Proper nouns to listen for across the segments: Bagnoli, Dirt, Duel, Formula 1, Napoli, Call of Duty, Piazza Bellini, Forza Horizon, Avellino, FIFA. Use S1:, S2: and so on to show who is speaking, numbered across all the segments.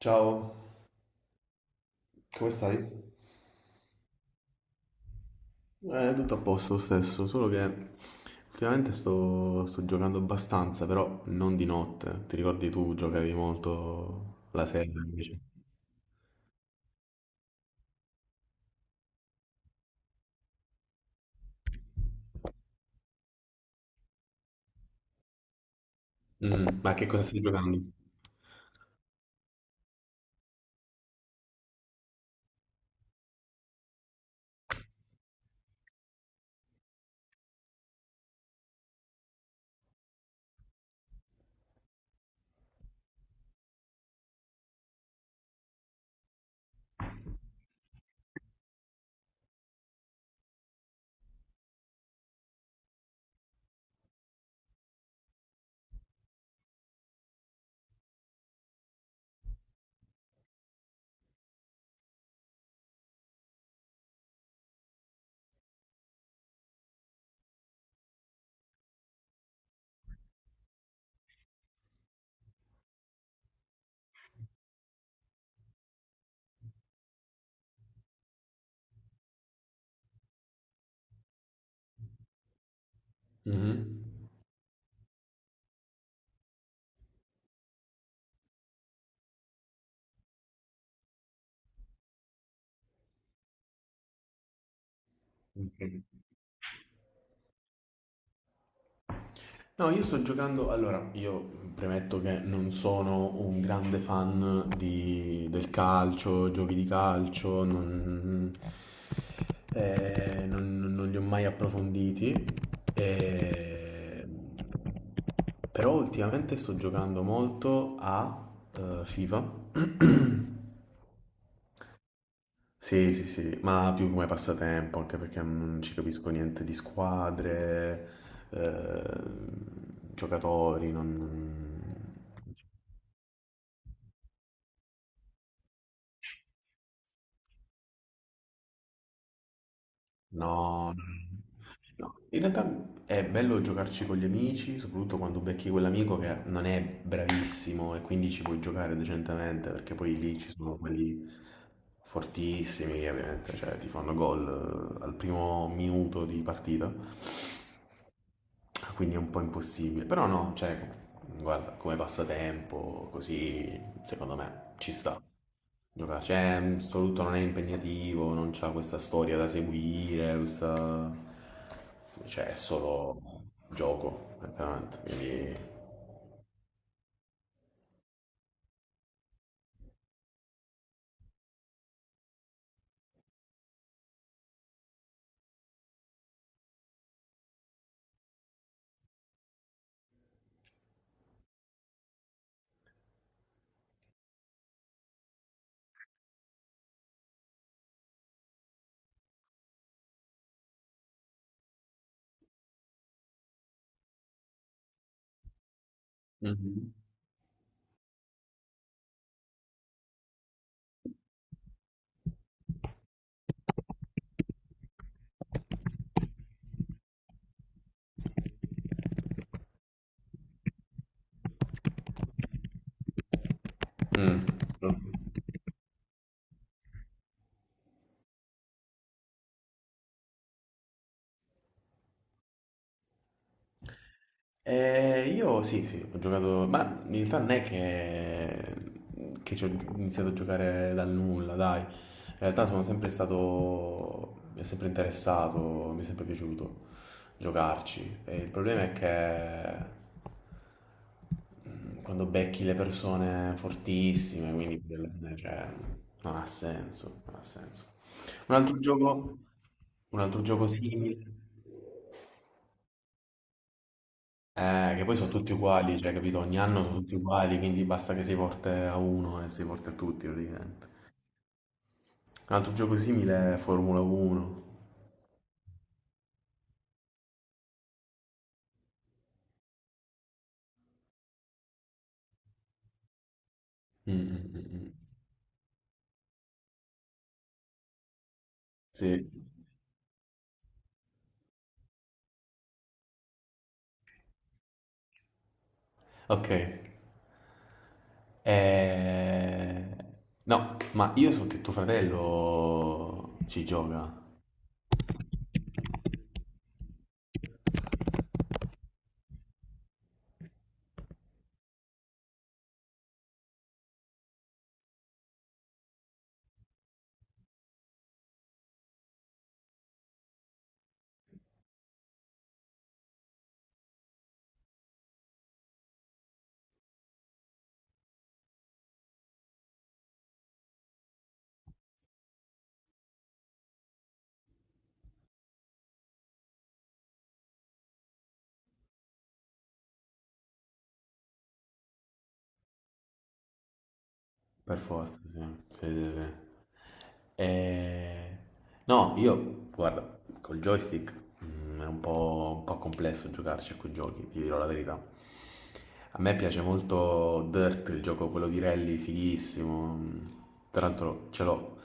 S1: Ciao, come stai? Tutto a posto lo stesso, solo che ultimamente sto giocando abbastanza, però non di notte. Ti ricordi tu giocavi molto la sera invece? Mm. Ma che cosa stai giocando? Mhm. Ok. No, io sto giocando. Allora, io premetto che non sono un grande fan del calcio, giochi di calcio, non li ho mai approfonditi. eh, Però ultimamente sto giocando molto a FIFA. Sì, sì, sì, ma più come passatempo, anche perché non ci capisco niente di squadre, eh, giocatori, non. No, no. No. No. In realtà è bello giocarci con gli amici, soprattutto quando becchi quell'amico che non è bravissimo e quindi ci puoi giocare decentemente, perché poi lì ci sono quelli fortissimi che ovviamente cioè, ti fanno gol al primo minuto di partita, quindi è un po' impossibile. Però no, cioè, guarda, come passatempo, così, secondo me ci sta. Gioca, cioè, sto lutto non è impegnativo, non c'ha questa storia da seguire, questa cioè, è solo gioco, veramente, quindi. Mhm. Mm. Io sì, sì, ho giocato, ma in realtà non è che ci ho iniziato a giocare dal nulla, dai. In realtà sono sempre stato, mi è sempre interessato, mi è sempre piaciuto giocarci. E il problema è che mm, quando becchi le persone fortissime, quindi alla fine, cioè, non ha senso, non ha senso. Un altro gioco, un altro gioco simile. Che poi sono tutti uguali, cioè, capito? Ogni anno sono tutti uguali, quindi basta che si porti a uno e si porti a tutti, praticamente. Un altro gioco simile è Formula 1. Mm, mm, mm, mm. Sì. Ok. Eh, no, ma io so che tuo fratello ci gioca, per forza, sì. Sì, sì, sì. Eh, no, io, guarda, col joystick mm, è un un po' complesso giocarci a quei giochi, ti dirò la verità. A me piace molto Dirt, il gioco quello di rally, fighissimo. Tra l'altro ce l'ho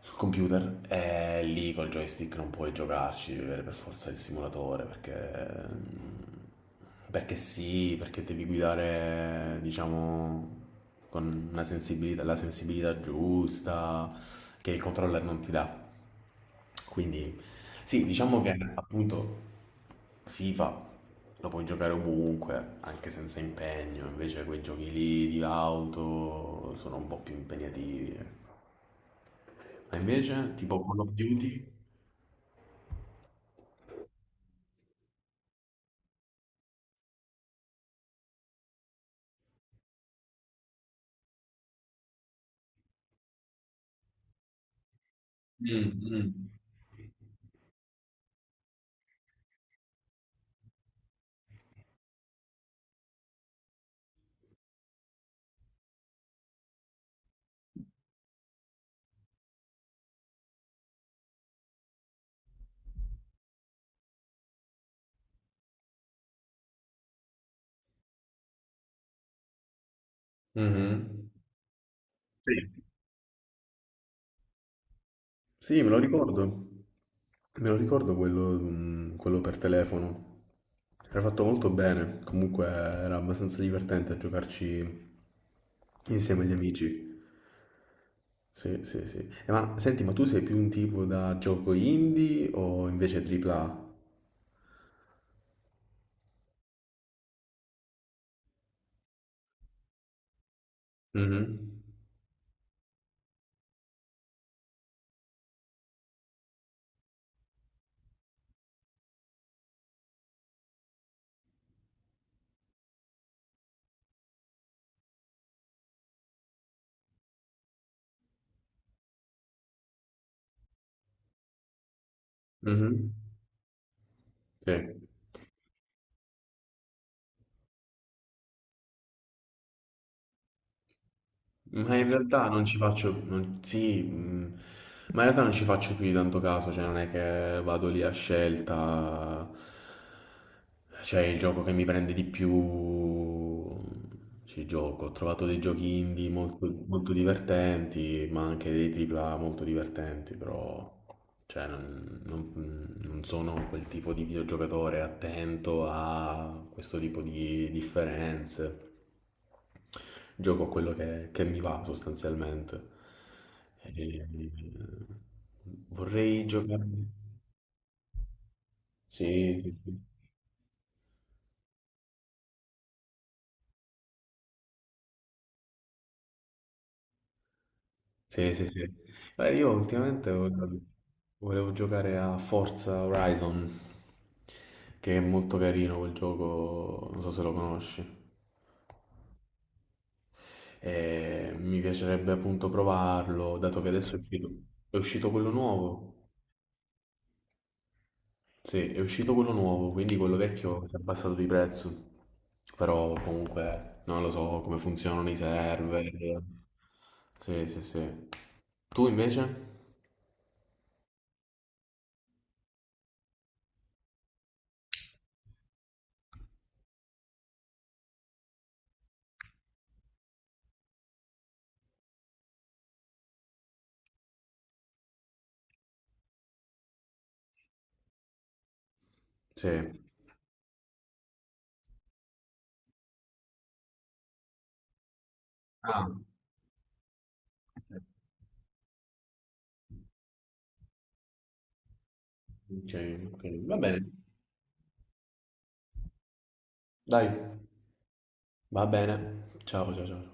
S1: sul computer e lì col joystick non puoi giocarci, devi avere per forza il simulatore perché sì, perché devi guidare, diciamo, con una la sensibilità giusta che il controller non ti dà. Quindi sì, diciamo che appunto FIFA lo puoi giocare ovunque, anche senza impegno, invece quei giochi lì di auto sono un po' più impegnativi, ecco. Ma invece tipo Call of Duty? Mm, mm, mhm. Sì. Sì, me lo ricordo. Me lo ricordo quello, mm, quello per telefono. Era fatto molto bene, comunque era abbastanza divertente a giocarci insieme agli amici. Sì, sì, sì. Ma senti, ma tu sei più un tipo da gioco indie o invece AAA? Mhm. Mhm. Sì. Ma in realtà non ci faccio, non- sì, ma in realtà non ci faccio più di tanto caso, cioè non è che vado lì a scelta, cioè il gioco che mi prende di più ci gioco. Ho trovato dei giochi indie molto, molto divertenti, ma anche dei AAA molto divertenti, però cioè, non sono quel tipo di videogiocatore attento a questo tipo di differenze. Gioco a quello che mi va sostanzialmente. E- Vorrei giocare. Sì, sì, sì. Sì, sì, sì. Guarda, io ultimamente volevo giocare a Forza Horizon, che è molto carino quel gioco, non so se lo conosci. E mi piacerebbe appunto provarlo, dato che adesso è è uscito quello nuovo. Sì, è uscito quello nuovo, quindi quello vecchio si è abbassato di prezzo. Però comunque non lo so come funzionano i server. Sì, sì, sì. Tu invece? Sì. Ah, ok, ok. Va bene. Dai, va bene. Ciao, ciao, ciao.